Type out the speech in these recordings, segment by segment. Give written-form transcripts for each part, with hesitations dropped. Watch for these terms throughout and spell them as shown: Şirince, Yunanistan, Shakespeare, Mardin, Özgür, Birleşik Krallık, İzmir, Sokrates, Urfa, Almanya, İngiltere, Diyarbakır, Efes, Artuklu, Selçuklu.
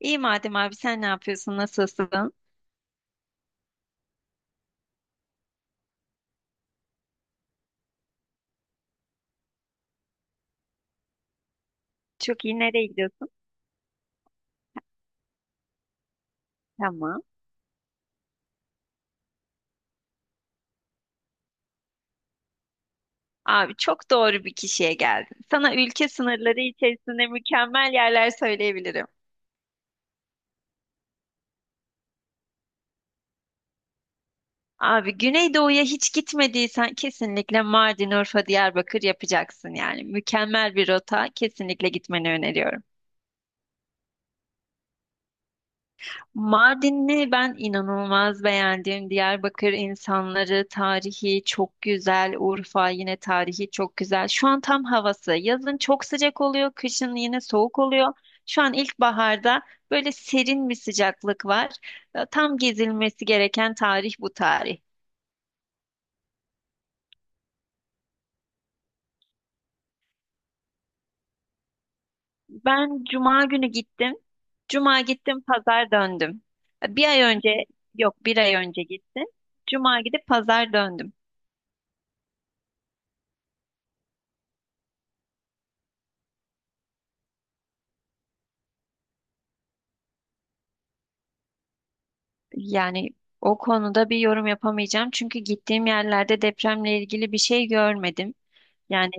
İyi madem abi sen ne yapıyorsun? Nasılsın? Çok iyi. Nereye gidiyorsun? Tamam. Abi çok doğru bir kişiye geldin. Sana ülke sınırları içerisinde mükemmel yerler söyleyebilirim. Abi Güneydoğu'ya hiç gitmediysen kesinlikle Mardin, Urfa, Diyarbakır yapacaksın yani. Mükemmel bir rota. Kesinlikle gitmeni öneriyorum. Mardin'i ben inanılmaz beğendim. Diyarbakır insanları, tarihi çok güzel. Urfa yine tarihi çok güzel. Şu an tam havası. Yazın çok sıcak oluyor, kışın yine soğuk oluyor. Şu an ilkbaharda böyle serin bir sıcaklık var. Tam gezilmesi gereken tarih bu tarih. Ben cuma günü gittim. Cuma gittim, pazar döndüm. E, Bir ay önce, yok bir ay önce gittim. Cuma gidip pazar döndüm. Yani o konuda bir yorum yapamayacağım. Çünkü gittiğim yerlerde depremle ilgili bir şey görmedim. Yani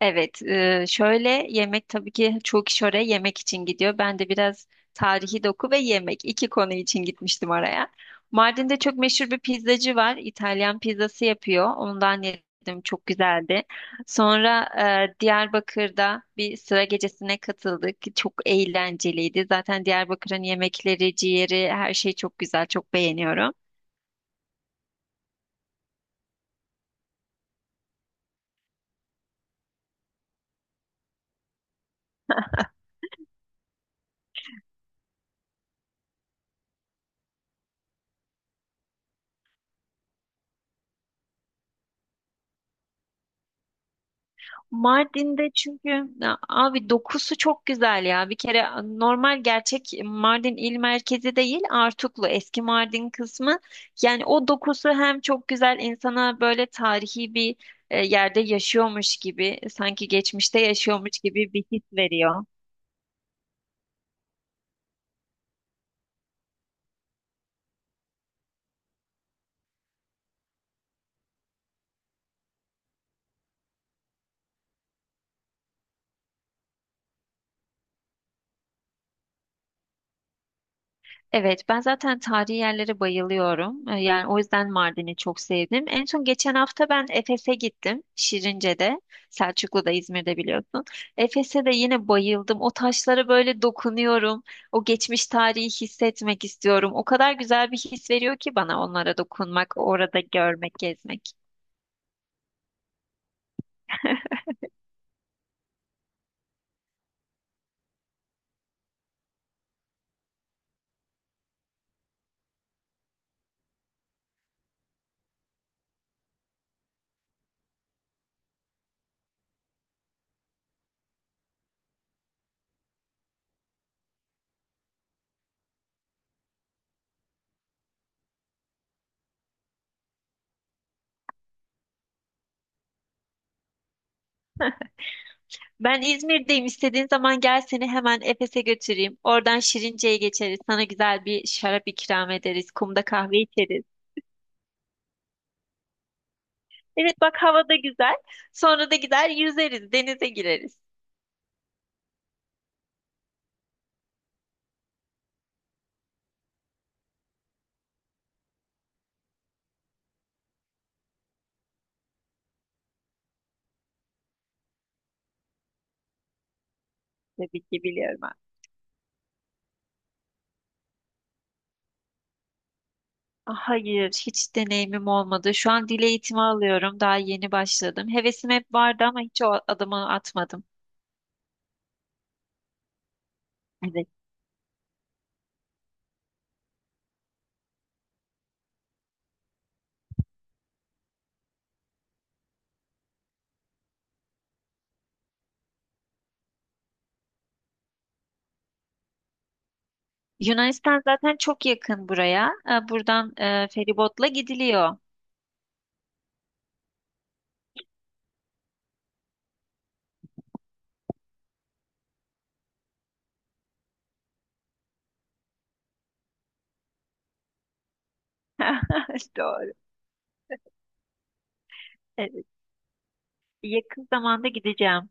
evet, şöyle yemek tabii ki çoğu kişi oraya yemek için gidiyor. Ben de biraz tarihi doku ve yemek iki konu için gitmiştim oraya. Mardin'de çok meşhur bir pizzacı var. İtalyan pizzası yapıyor. Ondan yedim, çok güzeldi. Sonra Diyarbakır'da bir sıra gecesine katıldık. Çok eğlenceliydi. Zaten Diyarbakır'ın yemekleri, ciğeri, her şey çok güzel, çok beğeniyorum. Mardin'de çünkü ya abi dokusu çok güzel ya. Bir kere normal gerçek Mardin il merkezi değil, Artuklu eski Mardin kısmı. Yani o dokusu hem çok güzel insana böyle tarihi bir yerde yaşıyormuş gibi, sanki geçmişte yaşıyormuş gibi bir his veriyor. Evet, ben zaten tarihi yerlere bayılıyorum. Yani o yüzden Mardin'i çok sevdim. En son geçen hafta ben Efes'e gittim. Şirince'de, Selçuklu'da, İzmir'de biliyorsun. Efes'e de yine bayıldım. O taşlara böyle dokunuyorum. O geçmiş tarihi hissetmek istiyorum. O kadar güzel bir his veriyor ki bana onlara dokunmak, orada görmek, gezmek. Ben İzmir'deyim. İstediğin zaman gel seni hemen Efes'e götüreyim. Oradan Şirince'ye geçeriz. Sana güzel bir şarap ikram ederiz. Kumda kahve içeriz. Evet bak havada güzel. Sonra da gider yüzeriz, denize gireriz. Tabii ki biliyorum ben. Ah, hayır, hiç deneyimim olmadı. Şu an dil eğitimi alıyorum. Daha yeni başladım. Hevesim hep vardı ama hiç o adımı atmadım. Evet. Yunanistan zaten çok yakın buraya. Buradan feribotla gidiliyor. Doğru. Evet. Yakın zamanda gideceğim.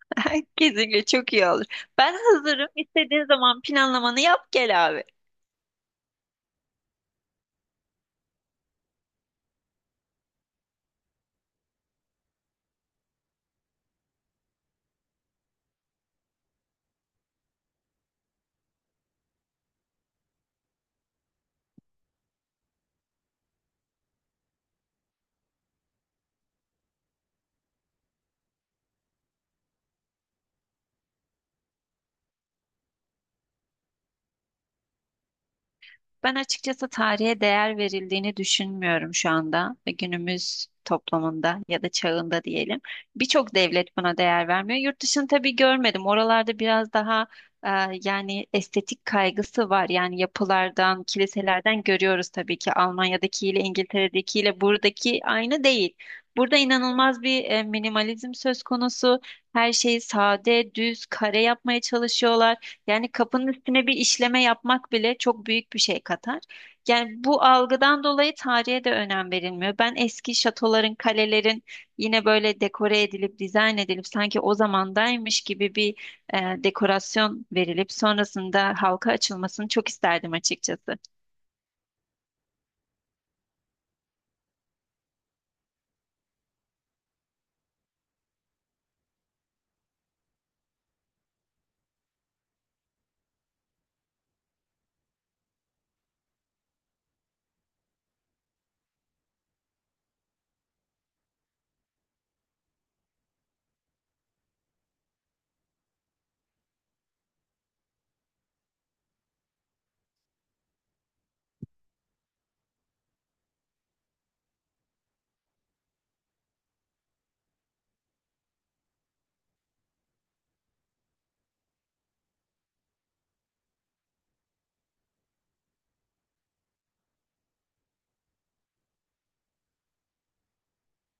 Kesinlikle çok iyi olur. Ben hazırım. İstediğin zaman planlamanı yap gel abi. Ben açıkçası tarihe değer verildiğini düşünmüyorum şu anda ve günümüz toplumunda ya da çağında diyelim. Birçok devlet buna değer vermiyor. Yurt dışını tabii görmedim. Oralarda biraz daha e, yani estetik kaygısı var. Yani yapılardan, kiliselerden görüyoruz tabii ki Almanya'dakiyle, İngiltere'dekiyle buradaki aynı değil. Burada inanılmaz bir minimalizm söz konusu. Her şeyi sade, düz, kare yapmaya çalışıyorlar. Yani kapının üstüne bir işleme yapmak bile çok büyük bir şey katar. Yani bu algıdan dolayı tarihe de önem verilmiyor. Ben eski şatoların, kalelerin yine böyle dekore edilip, dizayn edilip sanki o zamandaymış gibi bir dekorasyon verilip sonrasında halka açılmasını çok isterdim açıkçası.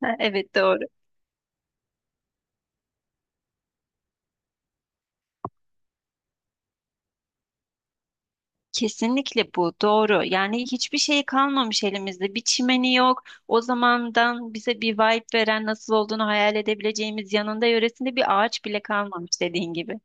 Ha, evet doğru. Kesinlikle bu doğru. Yani hiçbir şey kalmamış elimizde. Bir çimeni yok. O zamandan bize bir vibe veren nasıl olduğunu hayal edebileceğimiz yanında yöresinde bir ağaç bile kalmamış dediğin gibi.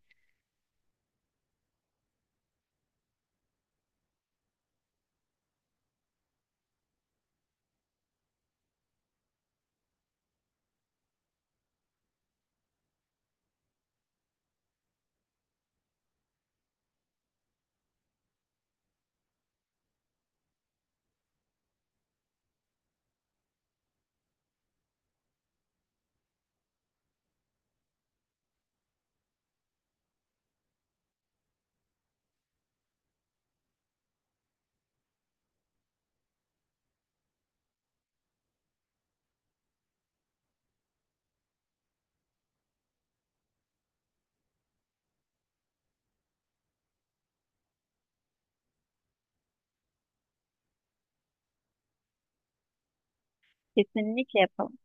Kesinlikle yapalım.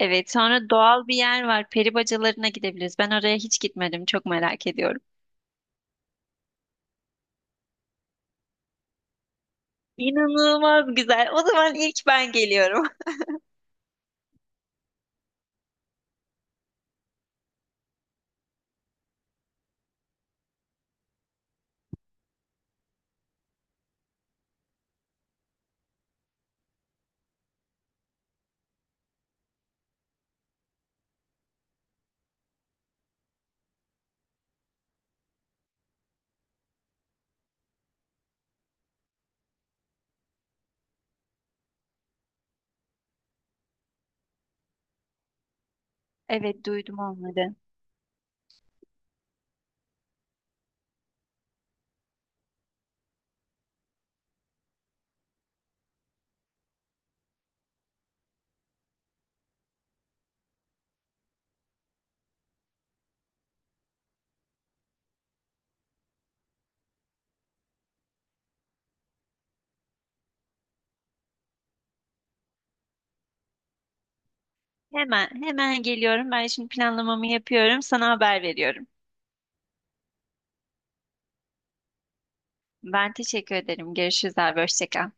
Evet, sonra doğal bir yer var. Peri bacalarına gidebiliriz. Ben oraya hiç gitmedim. Çok merak ediyorum. İnanılmaz güzel. O zaman ilk ben geliyorum. Evet, duydum onları. Hemen, hemen geliyorum. Ben şimdi planlamamı yapıyorum. Sana haber veriyorum. Ben teşekkür ederim. Görüşürüz abi. Hoşça kal.